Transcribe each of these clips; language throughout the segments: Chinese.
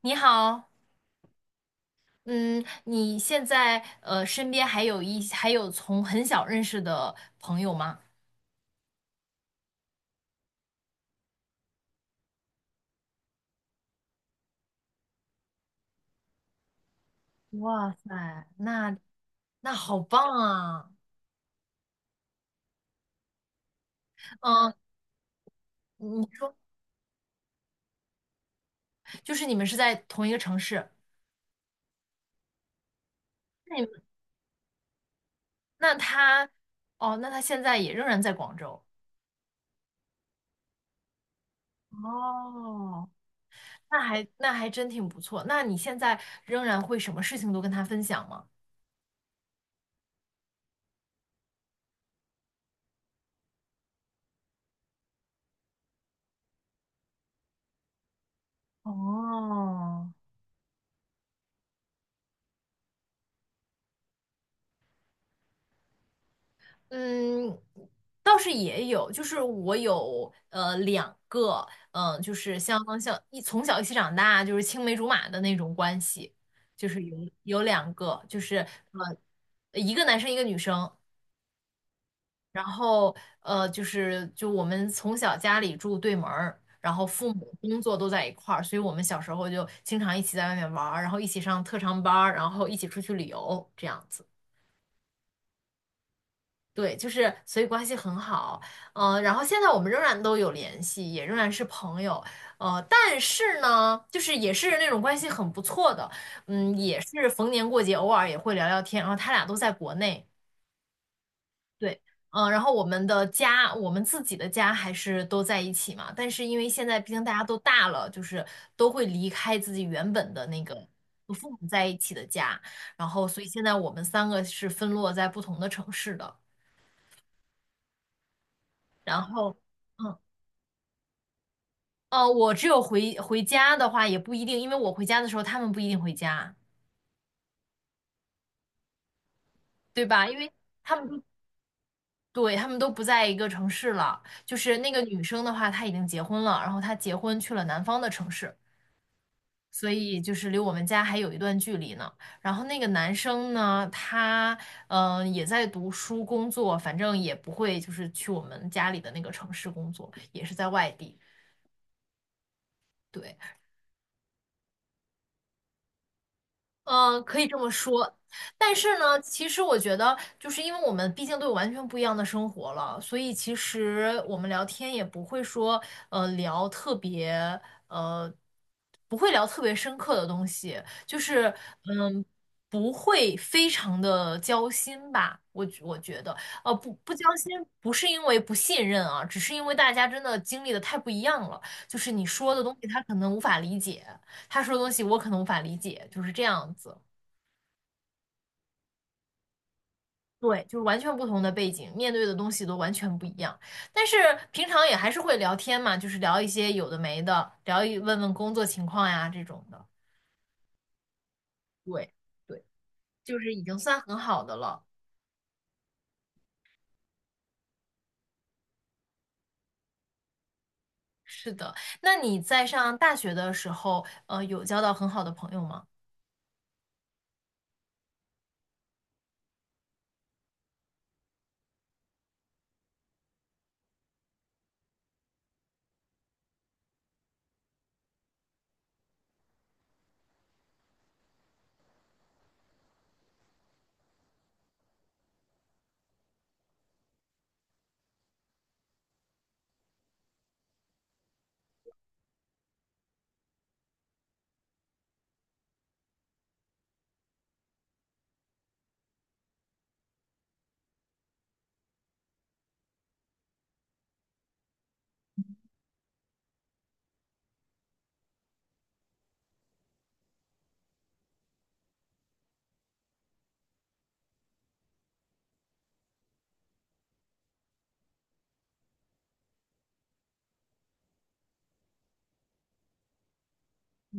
你好。嗯，你现在身边还有还有从很小认识的朋友吗？哇塞，那好棒啊！嗯，你说你们是在同一个城市？那你们那他哦，那他现在也仍然在广州？哦，那还真挺不错。那你现在仍然会什么事情都跟他分享吗？哦，嗯，倒是也有，就是我有两个。嗯、就是像从小一起长大，就是青梅竹马的那种关系，就是有两个。就是一个男生一个女生。然后就是我们从小家里住对门儿，然后父母工作都在一块儿，所以我们小时候就经常一起在外面玩儿，然后一起上特长班儿，然后一起出去旅游这样子。对，就是所以关系很好。嗯、然后现在我们仍然都有联系，也仍然是朋友。呃，但是呢，就是也是那种关系很不错的。嗯，也是逢年过节偶尔也会聊聊天，然后他俩都在国内。对。嗯、然后我们的家，我们自己的家还是都在一起嘛，但是因为现在毕竟大家都大了，就是都会离开自己原本的那个。和父母在一起的家，然后所以现在我们三个是分落在不同的城市的。然后。嗯，我只有回家的话也不一定，因为我回家的时候他们不一定回家，对吧？因为他们都对，他们都不在一个城市了。就是那个女生的话，她已经结婚了，然后她结婚去了南方的城市，所以就是离我们家还有一段距离呢。然后那个男生呢，他嗯、也在读书工作，反正也不会就是去我们家里的那个城市工作，也是在外地。对。嗯，可以这么说。但是呢，其实我觉得，就是因为我们毕竟都有完全不一样的生活了，所以其实我们聊天也不会说，聊特别，呃，不会聊特别深刻的东西，就是，嗯，不会非常的交心吧，我觉得。不交心，不是因为不信任啊，只是因为大家真的经历的太不一样了，就是你说的东西他可能无法理解。他说的东西我可能无法理解，就是这样子。对，就是完全不同的背景，面对的东西都完全不一样。但是平常也还是会聊天嘛，就是聊一些有的没的，问问工作情况呀这种的。对。对，就是已经算很好的了。是的。那你在上大学的时候，有交到很好的朋友吗？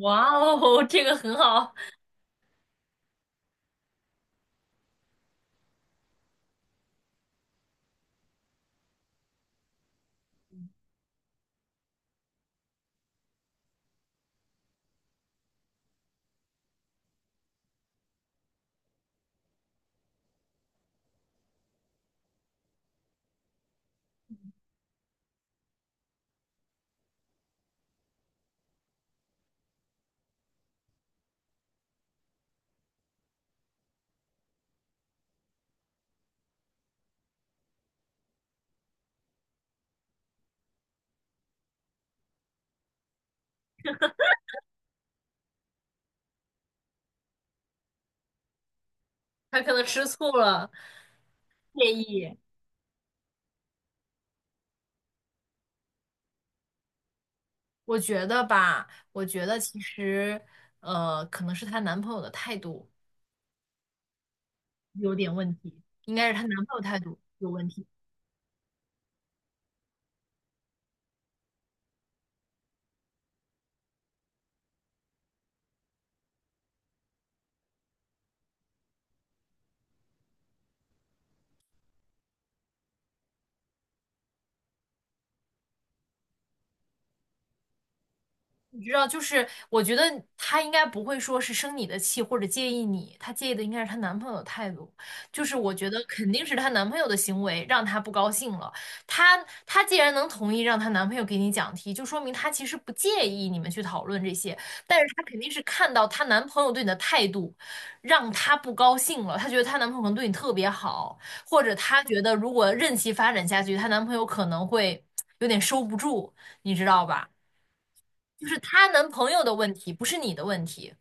哇哦，这个很好。他可能吃醋了，介意。我觉得吧，我觉得其实，可能是她男朋友的态度。有点问题，应该是她男朋友态度有问题。你知道，就是我觉得她应该不会说是生你的气或者介意你，她介意的应该是她男朋友的态度。就是我觉得肯定是她男朋友的行为让她不高兴了。她既然能同意让她男朋友给你讲题，就说明她其实不介意你们去讨论这些，但是她肯定是看到她男朋友对你的态度，让她不高兴了。她觉得她男朋友可能对你特别好，或者她觉得如果任其发展下去，她男朋友可能会有点收不住，你知道吧？就是她男朋友的问题，不是你的问题。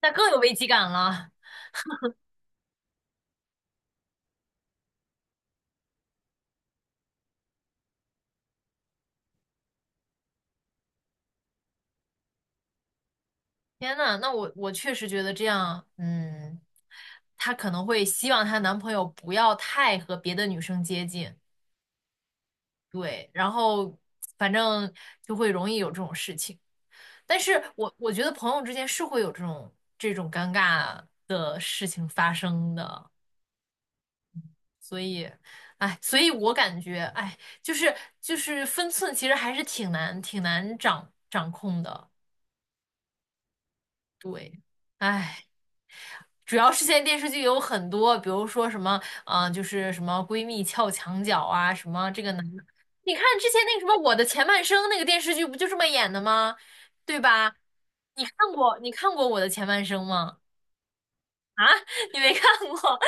那更有危机感了。天呐，我确实觉得这样。嗯，她可能会希望她男朋友不要太和别的女生接近。对，然后反正就会容易有这种事情。但是我觉得朋友之间是会有这种尴尬的事情发生的，所以，哎，所以我感觉，哎，就是就是分寸其实还是挺难掌控的。对。唉，主要是现在电视剧有很多，比如说什么，嗯、就是什么闺蜜撬墙角啊，什么这个男的，你看之前那个什么《我的前半生》那个电视剧不就这么演的吗？对吧？你看过《我的前半生》吗？你没看过。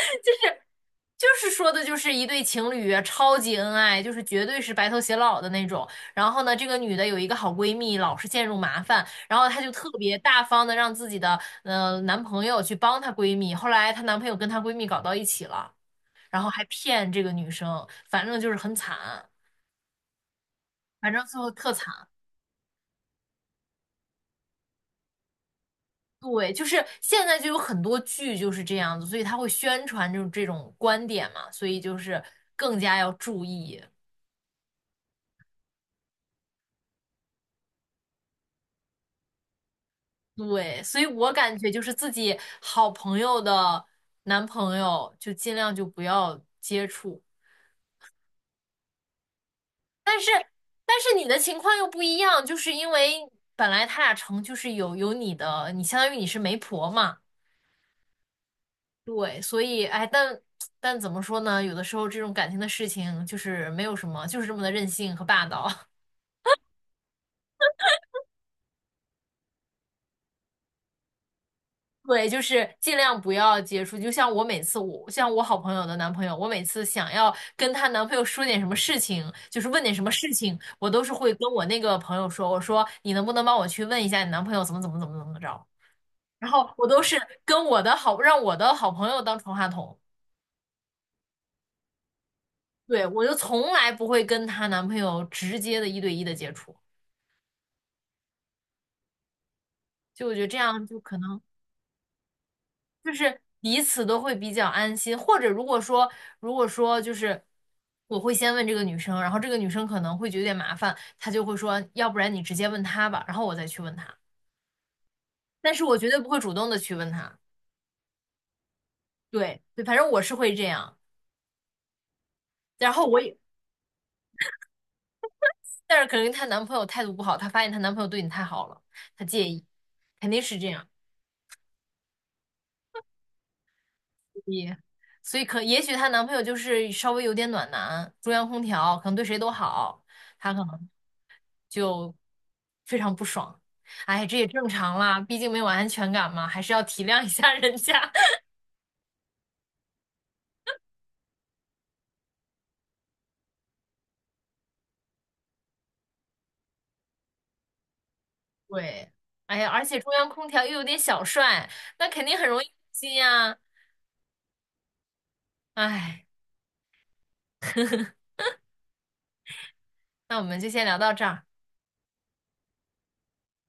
就是说的，就是一对情侣啊，超级恩爱，就是绝对是白头偕老的那种。然后呢，这个女的有一个好闺蜜，老是陷入麻烦，然后她就特别大方的让自己的男朋友去帮她闺蜜。后来她男朋友跟她闺蜜搞到一起了，然后还骗这个女生，反正就是很惨。反正最后特惨。对，就是现在就有很多剧就是这样子，所以他会宣传这种观点嘛，所以就是更加要注意。对，所以我感觉就是自己好朋友的男朋友就尽量就不要接触。但是但是你的情况又不一样，就是因为本来他俩成就是有你的，你相当于你是媒婆嘛。对，所以哎，但怎么说呢？有的时候这种感情的事情就是没有什么，就是这么的任性和霸道。对，就是尽量不要接触。就像我每次我，像我好朋友的男朋友，我每次想要跟她男朋友说点什么事情，就是问点什么事情，我都是会跟我那个朋友说，我说你能不能帮我去问一下你男朋友怎么怎么怎么怎么着？然后我都是跟我的好，让我的好朋友当传话筒。对，我就从来不会跟她男朋友直接的一对一的接触，就我觉得这样就可能。就是彼此都会比较安心。或者如果说，就是我会先问这个女生，然后这个女生可能会觉得有点麻烦，她就会说，要不然你直接问她吧，然后我再去问她。但是我绝对不会主动的去问她。对对，反正我是会这样。然后我也，但是可能她男朋友态度不好，她发现她男朋友对你太好了，她介意，肯定是这样。也，所以可也许她男朋友就是稍微有点暖男，中央空调，可能对谁都好，她可能。就非常不爽。哎，这也正常啦，毕竟没有安全感嘛，还是要体谅一下人家。对，哎呀，而且中央空调又有点小帅，那肯定很容易心呀。哎，那我们就先聊到这儿。